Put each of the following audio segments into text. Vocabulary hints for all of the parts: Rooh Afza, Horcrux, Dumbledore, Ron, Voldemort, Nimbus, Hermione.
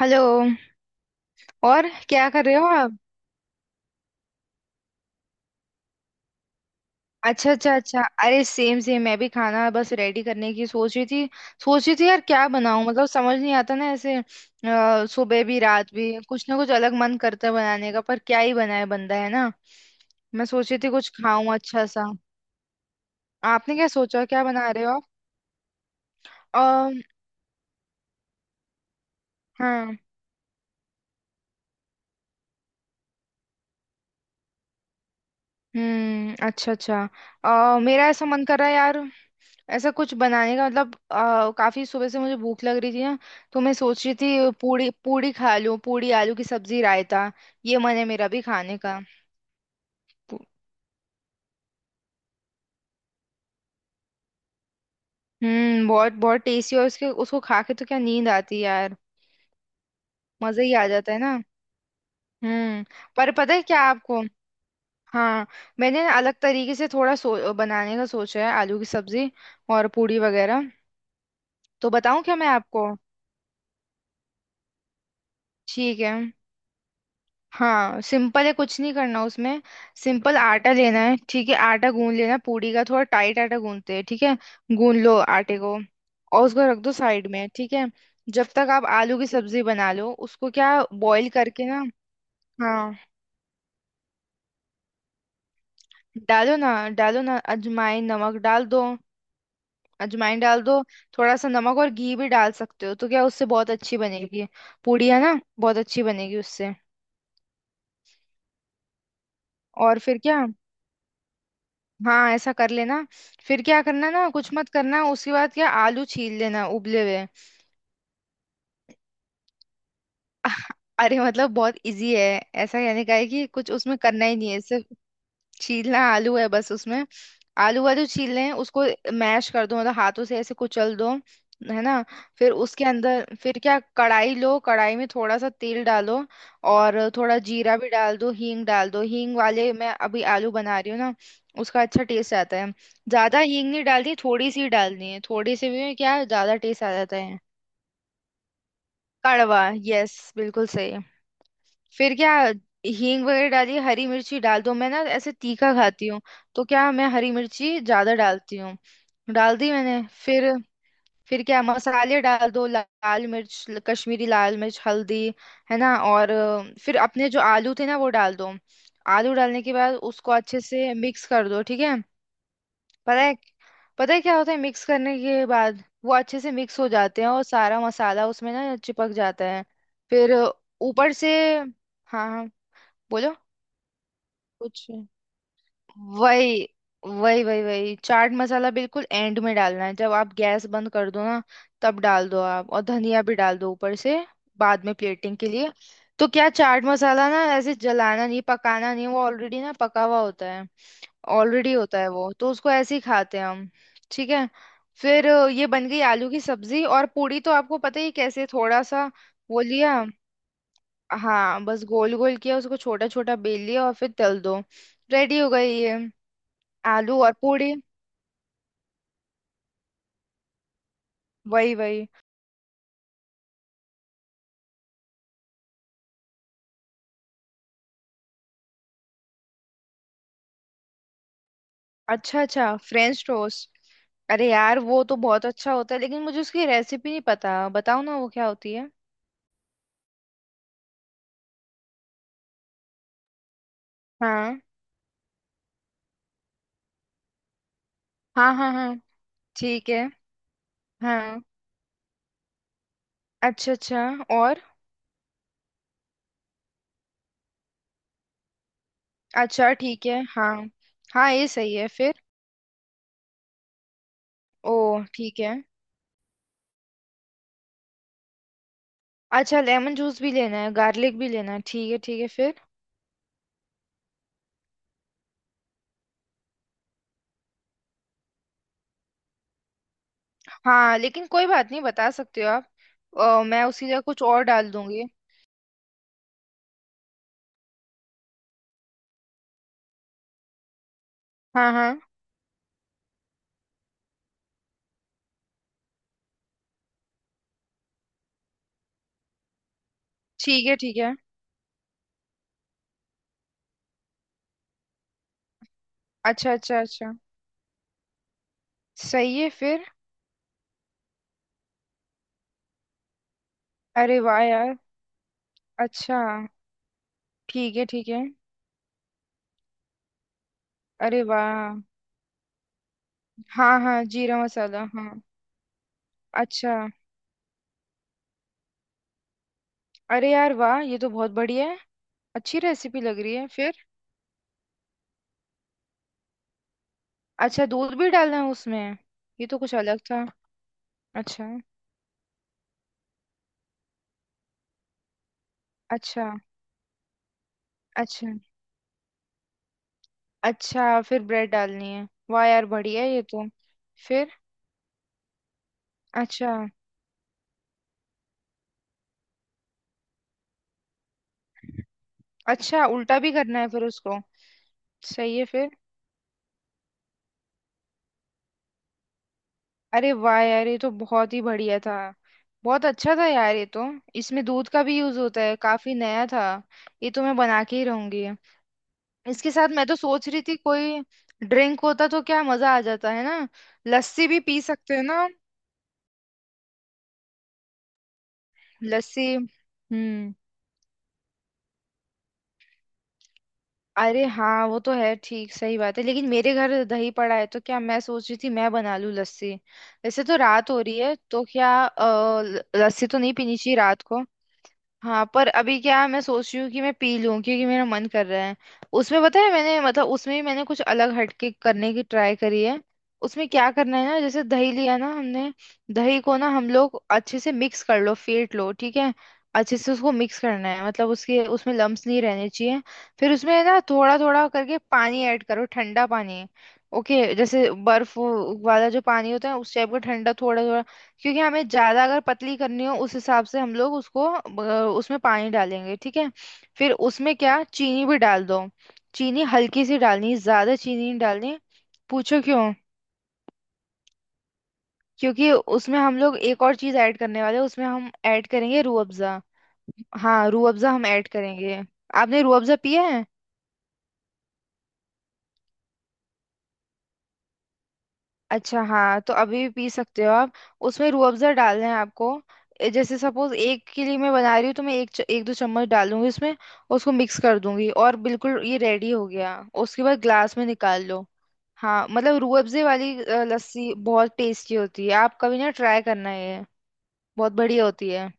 Hello. और क्या कर रहे हो आप? अच्छा अच्छा अच्छा, अरे सेम सेम, मैं भी खाना बस रेडी करने की सोच रही थी। यार क्या बनाऊं, मतलब समझ नहीं आता ना ऐसे, सुबह भी रात भी कुछ ना कुछ अलग मन करता है बनाने का, पर क्या ही बनाए बंदा है ना। मैं सोच रही थी कुछ खाऊं अच्छा सा। आपने क्या सोचा, क्या बना रहे हो आप? हाँ। हम्म, अच्छा अच्छा। मेरा ऐसा मन कर रहा है यार, ऐसा कुछ बनाने का, मतलब काफी सुबह से मुझे भूख लग रही थी ना। तो मैं सोच रही थी पूड़ी पूड़ी खा लूं, पूड़ी आलू की सब्जी रायता। ये मन है मेरा भी खाने का। पू-। हम्म, बहुत बहुत टेस्टी। और उसके उसको खा के तो क्या नींद आती है यार। मजा ही आ जाता है ना। हम्म। पर पता है क्या आपको? हाँ। मैंने ना अलग तरीके से थोड़ा बनाने का सोचा है, आलू की सब्जी और पूड़ी वगैरह। तो बताऊं क्या मैं आपको? ठीक है। हाँ सिंपल है, कुछ नहीं करना उसमें। सिंपल आटा लेना है, ठीक है। आटा गूंद लेना, पूड़ी का थोड़ा टाइट आटा गूंदते हैं ठीक है। गूंद लो आटे को और उसको रख दो साइड में, ठीक है। जब तक आप आलू की सब्जी बना लो उसको क्या बॉईल करके ना। हाँ डालो ना, डालो ना अजवाइन नमक डाल दो, अजवाइन डाल दो। थोड़ा सा नमक और घी भी डाल सकते हो, तो क्या उससे बहुत अच्छी बनेगी, पूड़ी है ना। बहुत अच्छी बनेगी उससे। और फिर क्या, हाँ ऐसा कर लेना। फिर क्या करना ना, कुछ मत करना। उसके बाद क्या आलू छील लेना उबले हुए। अरे मतलब बहुत इजी है। ऐसा कहने का है कि कुछ उसमें करना ही नहीं है, सिर्फ छीलना आलू है बस उसमें। आलू वालू छील लें उसको, मैश कर दो, मतलब हाथों से ऐसे कुचल दो, है ना। फिर उसके अंदर फिर क्या, कढ़ाई लो, कढ़ाई में थोड़ा सा तेल डालो और थोड़ा जीरा भी डाल दो, हींग डाल दो। हींग वाले मैं अभी आलू बना रही हूँ ना, उसका अच्छा टेस्ट आता है। ज्यादा हींग नहीं डालती, थोड़ी सी ही डालनी है, थोड़ी सी भी क्या ज्यादा टेस्ट आ जाता है। कड़वा, यस बिल्कुल सही। फिर क्या, हींग वगैरह डाली, हरी मिर्ची डाल दो। मैं ना ऐसे तीखा खाती हूँ तो क्या मैं हरी मिर्ची ज्यादा डालती हूँ। डाल दी मैंने। फिर क्या मसाले डाल दो, लाल मिर्च, कश्मीरी लाल मिर्च हल्दी, है ना। और फिर अपने जो आलू थे ना वो डाल दो। आलू डालने के बाद उसको अच्छे से मिक्स कर दो ठीक है। पता है, पता है क्या होता है मिक्स करने के बाद, वो अच्छे से मिक्स हो जाते हैं और सारा मसाला उसमें ना चिपक जाता है। फिर ऊपर से, हाँ हाँ। बोलो। कुछ। वही वही वही वही चाट मसाला बिल्कुल एंड में डालना है जब आप गैस बंद कर दो ना, तब डाल दो आप। और धनिया भी डाल दो ऊपर से, बाद में प्लेटिंग के लिए। तो क्या चाट मसाला ना ऐसे जलाना नहीं पकाना नहीं, वो ऑलरेडी ना पका हुआ होता है। ऑलरेडी होता है वो तो, उसको ऐसे ही खाते हैं हम। ठीक है। फिर ये बन गई आलू की सब्जी। और पूड़ी तो आपको पता ही है कैसे, थोड़ा सा वो लिया। हाँ बस गोल गोल किया उसको, छोटा छोटा बेल लिया और फिर तल दो। रेडी हो गई ये आलू और पूरी। वही वही। अच्छा अच्छा, फ्रेंच टोस्ट। अरे यार वो तो बहुत अच्छा होता है, लेकिन मुझे उसकी रेसिपी नहीं पता, बताओ ना वो क्या होती है। हाँ हाँ हाँ। हाँ ठीक है। हाँ अच्छा अच्छा। और। अच्छा ठीक है। हाँ हाँ ये सही है फिर। ओ ठीक है। अच्छा लेमन जूस भी लेना है, गार्लिक भी लेना है, ठीक है ठीक है फिर। हाँ लेकिन कोई बात नहीं, बता सकते हो आप। मैं उसकी जगह कुछ और डाल दूंगी। हाँ हाँ। ठीक है ठीक है। अच्छा अच्छा अच्छा। सही है फिर। अरे वाह यार, अच्छा। ठीक है ठीक है। अरे वाह, हाँ हाँ जीरा मसाला हाँ। अच्छा। अरे यार वाह, ये तो बहुत बढ़िया है, अच्छी रेसिपी लग रही है फिर। अच्छा दूध भी डालना है उसमें, ये तो कुछ अलग था। अच्छा। अच्छा। अच्छा अच्छा फिर ब्रेड डालनी है, वाह यार बढ़िया है ये तो। फिर। अच्छा, अच्छा उल्टा भी करना है फिर उसको। सही है फिर। अरे वाह यार, ये तो बहुत ही बढ़िया था, बहुत अच्छा था यार ये तो। इसमें दूध का भी यूज होता है, काफी नया था। ये तो मैं बना के ही रहूंगी। इसके साथ मैं तो सोच रही थी कोई ड्रिंक होता तो क्या मजा आ जाता है ना। लस्सी भी पी सकते हैं ना हम। लस्सी हम्म। अरे हाँ वो तो है, ठीक सही बात है। लेकिन मेरे घर दही पड़ा है तो क्या मैं सोच रही थी मैं बना लूं लस्सी। वैसे तो रात हो रही है तो क्या लस्सी तो नहीं पीनी चाहिए रात को। हाँ पर अभी क्या है, मैं सोच रही हूँ कि मैं पी लूँ क्योंकि मेरा मन कर रहा है। उसमें पता है मैंने, मतलब उसमें भी मैंने कुछ अलग हटके करने की ट्राई करी है। उसमें क्या करना है ना, जैसे दही लिया ना हमने, दही को ना हम लोग अच्छे से मिक्स कर लो फेंट लो ठीक है। अच्छे से उसको मिक्स करना है, मतलब उसके उसमें लम्स नहीं रहने चाहिए। फिर उसमें ना थोड़ा थोड़ा करके पानी ऐड करो, ठंडा पानी। ओके जैसे बर्फ वाला जो पानी होता है, उस टाइप का ठंडा थोड़ा थोड़ा। क्योंकि हमें ज्यादा अगर पतली करनी हो उस हिसाब से हम लोग उसको उसमें पानी डालेंगे ठीक है। फिर उसमें क्या, चीनी भी डाल दो, चीनी हल्की सी डालनी, ज्यादा चीनी नहीं डालनी। पूछो क्यों। क्योंकि उसमें हम लोग एक और चीज ऐड करने वाले हैं, उसमें हम ऐड करेंगे रूह अफ़ज़ा। हाँ रूह अफ़ज़ा हम ऐड करेंगे। आपने रूह अफ़ज़ा पिया है? अच्छा हाँ तो अभी भी पी सकते हो आप, उसमें रूह अफ़ज़ा डालना है आपको। जैसे सपोज एक के लिए मैं बना रही हूँ तो मैं एक एक दो चम्मच डालूंगी उसमें, उसको मिक्स कर दूंगी और बिल्कुल ये रेडी हो गया। उसके बाद ग्लास में निकाल लो। हाँ मतलब रूह अफ़ज़े वाली लस्सी बहुत टेस्टी होती है, आप कभी ना ट्राई करना ये, बहुत बढ़िया होती है।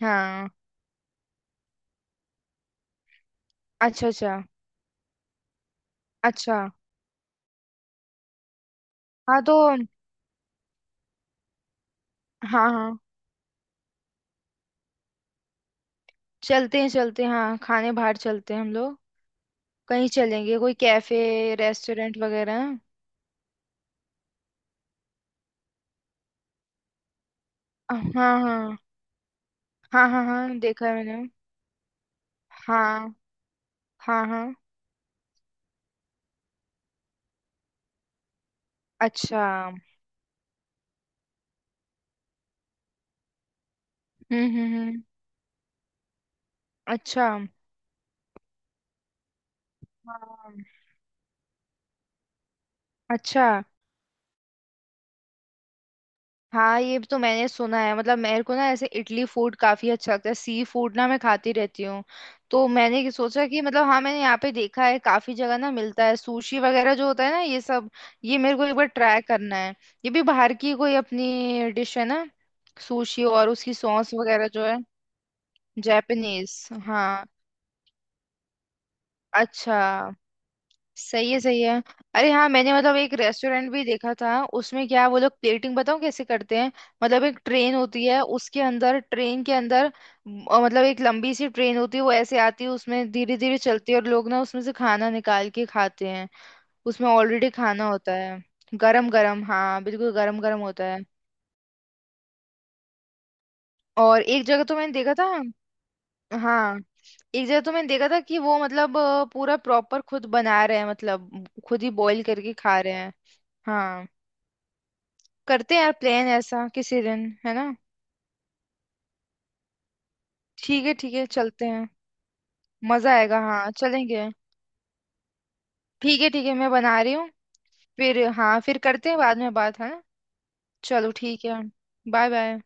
हाँ अच्छा अच्छा। अच्छा हाँ तो। हाँ हाँ चलते हैं हाँ खाने बाहर चलते हैं हम लोग। कहीं चलेंगे कोई कैफे रेस्टोरेंट वगैरह। हाँ हाँ हाँ। हाँ हाँ देखा है मैंने। हाँ हाँ हाँ। अच्छा। हम्म हम्म। अच्छा। हाँ। अच्छा। हाँ ये तो मैंने सुना है, मतलब मेरे को ना ऐसे इटली फूड काफी अच्छा लगता है, सी फूड ना मैं खाती रहती हूँ। तो मैंने ये सोचा कि मतलब, हाँ मैंने यहाँ पे देखा है काफी जगह ना मिलता है सुशी वगैरह जो होता है ना ये सब। ये मेरे को एक बार ट्राई करना है। ये भी बाहर की कोई अपनी डिश है ना, सुशी और उसकी सॉस वगैरह जो है। जापानीज हाँ। अच्छा। सही है सही है। अरे हाँ मैंने, मतलब एक रेस्टोरेंट भी देखा था उसमें क्या, वो लोग प्लेटिंग बताऊँ कैसे करते हैं। मतलब एक ट्रेन होती है, उसके अंदर ट्रेन के अंदर मतलब एक लंबी सी ट्रेन होती है, वो ऐसे आती है, उसमें धीरे धीरे चलती है और लोग ना उसमें से खाना निकाल के खाते हैं। उसमें ऑलरेडी खाना होता है, गरम गरम हाँ बिल्कुल गरम गरम होता है। और एक जगह तो मैंने देखा था। हाँ एक जगह तो मैंने देखा था कि वो मतलब पूरा प्रॉपर खुद बना रहे हैं, मतलब खुद ही बॉईल करके खा रहे हैं। हाँ करते हैं यार प्लान ऐसा किसी दिन, है ना। ठीक है चलते हैं। मजा आएगा हाँ चलेंगे। ठीक है मैं बना रही हूँ। फिर हाँ फिर करते हैं बाद में बात, है ना। चलो ठीक है। Bye bye.